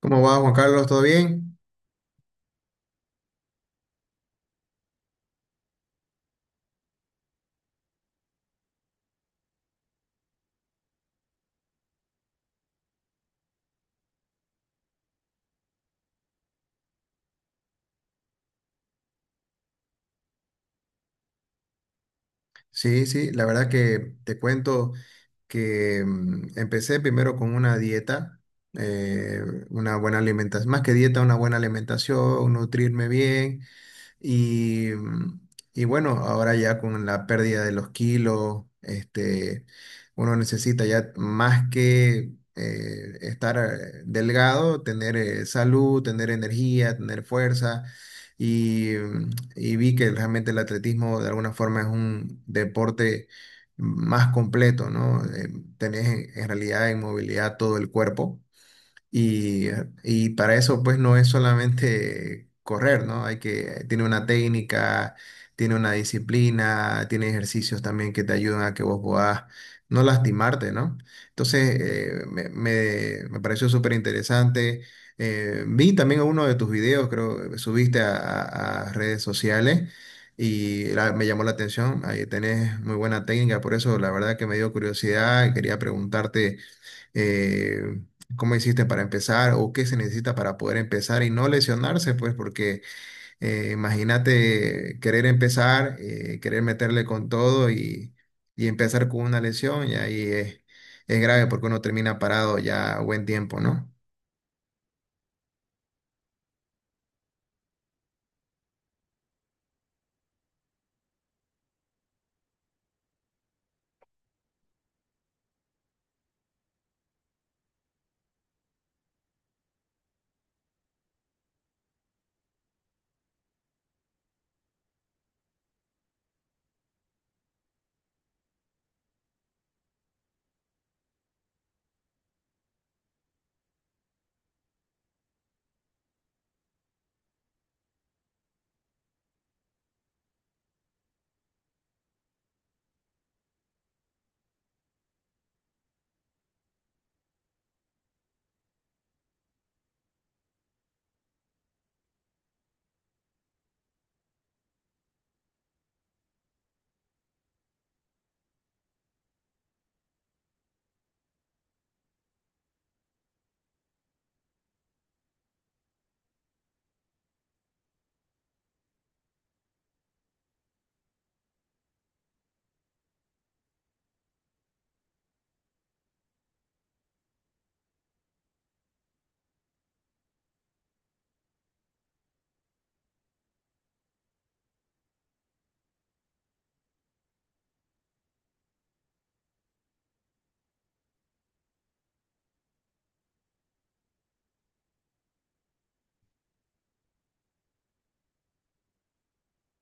¿Cómo va, Juan Carlos? ¿Todo bien? Sí, sí, la verdad que te cuento que empecé primero con una dieta, eh, una buena alimentación, más que dieta, una buena alimentación, nutrirme bien, Y, y bueno, ahora ya con la pérdida de los kilos, este, uno necesita ya más que estar delgado, tener salud, tener energía, tener fuerza. Y, mm, y vi que realmente el atletismo de alguna forma es un deporte más completo, ¿no? Tenés en realidad en movilidad todo el cuerpo y, y para eso, pues, no es solamente correr, ¿no? Hay que, tiene una técnica, tiene una disciplina, tiene ejercicios también que te ayudan a que vos puedas no lastimarte, ¿no? Entonces, me pareció súper interesante. Vi también uno de tus videos, creo, que subiste a, a redes sociales me llamó la atención. Ahí tenés muy buena técnica, por eso la verdad que me dio curiosidad y quería preguntarte eh, cómo hiciste para empezar o qué se necesita para poder empezar y no lesionarse, pues porque imagínate querer empezar, querer meterle con todo y empezar con una lesión y ahí es grave porque uno termina parado ya buen tiempo, ¿no?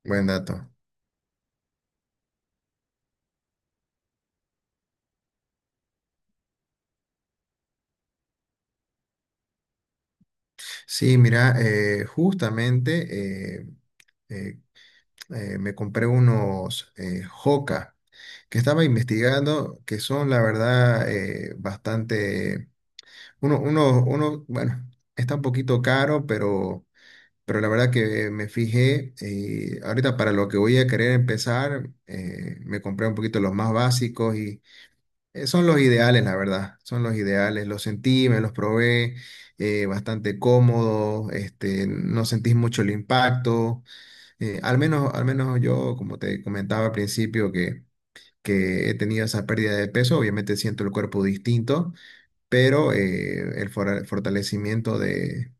Buen dato. Sí, mira, justamente eh, me compré unos Hoka que estaba investigando, que son la verdad bastante. Uno, bueno, está un poquito caro, pero la verdad que me fijé y ahorita para lo que voy a querer empezar, me compré un poquito los más básicos y son los ideales, la verdad, son los ideales, los sentí, me los probé, bastante cómodo, este, no sentís mucho el impacto, al menos yo, como te comentaba al principio, que he tenido esa pérdida de peso, obviamente siento el cuerpo distinto, pero el fortalecimiento de,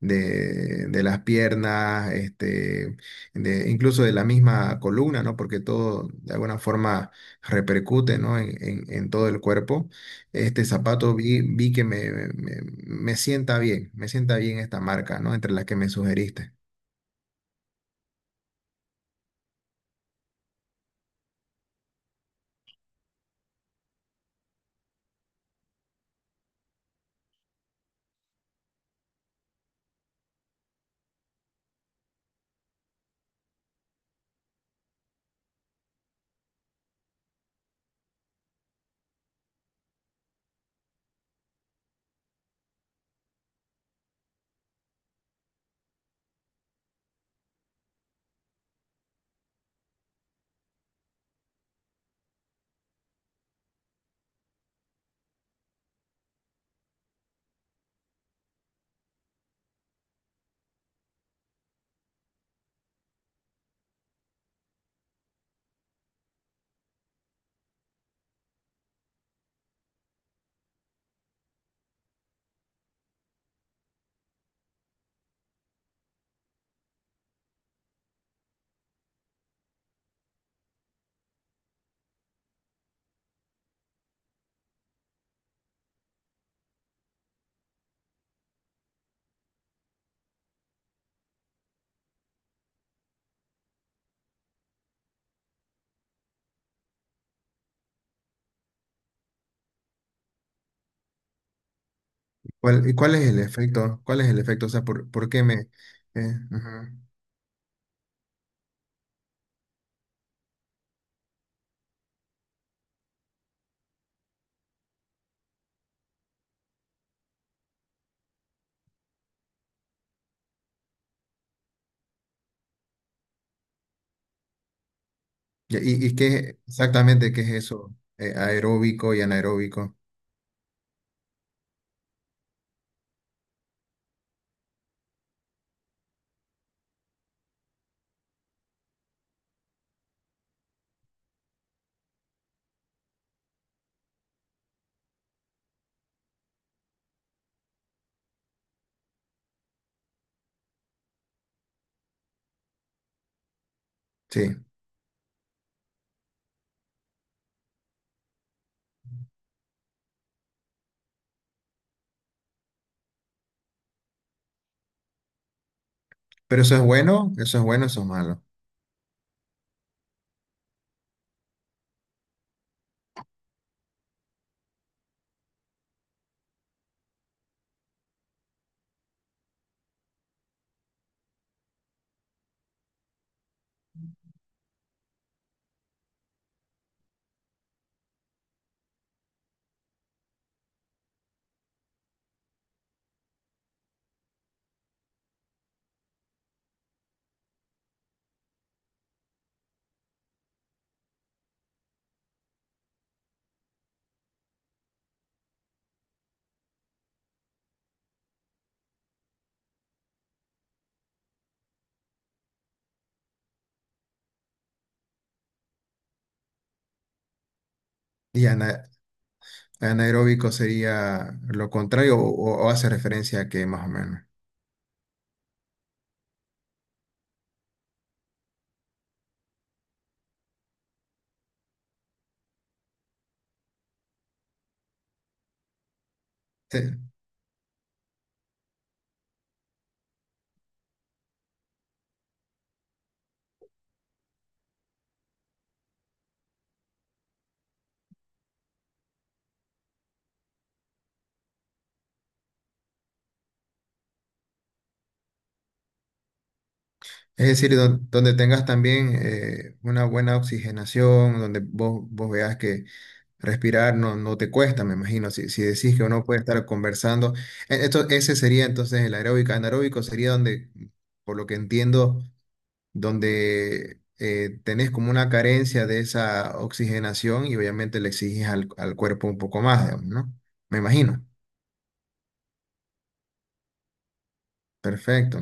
de las piernas, este, de, incluso de la misma columna, ¿no? Porque todo de alguna forma repercute, ¿no? En todo el cuerpo. Este zapato vi, me sienta bien esta marca, ¿no? Entre las que me sugeriste. ¿Y cuál es el efecto? ¿Cuál es el efecto? O sea, ¿por qué me... ujú. ¿Y qué exactamente qué es eso? Aeróbico y anaeróbico. Sí. Pero eso es bueno, eso es bueno, eso es malo. Y anaeróbico sería lo contrario o hace referencia a que más o menos. Eh, Es decir, donde tengas también una buena oxigenación, donde vos, vos veas que respirar no, no te cuesta, me imagino. Si, si decís que uno puede estar conversando, esto, ese sería entonces el aeróbico. Anaeróbico sería donde, por lo que entiendo, donde tenés como una carencia de esa oxigenación y obviamente le exiges al, al cuerpo un poco más, digamos, ¿no? Me imagino. Perfecto.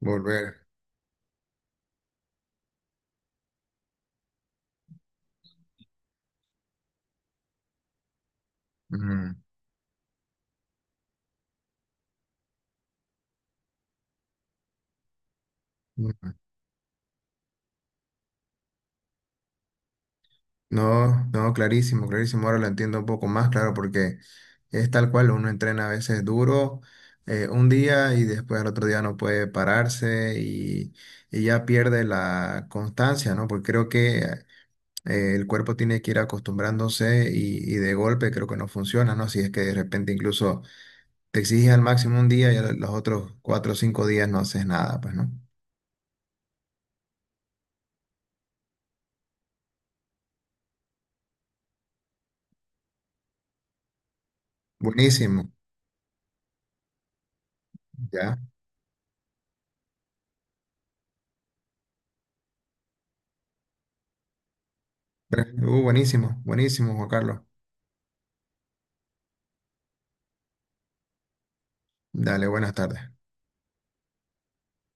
Volver. Ujú, ujú. No, no, clarísimo, clarísimo. Ahora lo entiendo un poco más, claro, porque es tal cual, uno entrena a veces duro un día y después al otro día no puede pararse y ya pierde la constancia, ¿no? Porque creo que el cuerpo tiene que ir acostumbrándose y de golpe creo que no funciona, ¿no? Si es que de repente incluso te exiges al máximo un día y a los otros cuatro o cinco días no haces nada, pues, ¿no? Buenísimo, ya. Pero, buenísimo, buenísimo, Juan Carlos. Dale, buenas tardes.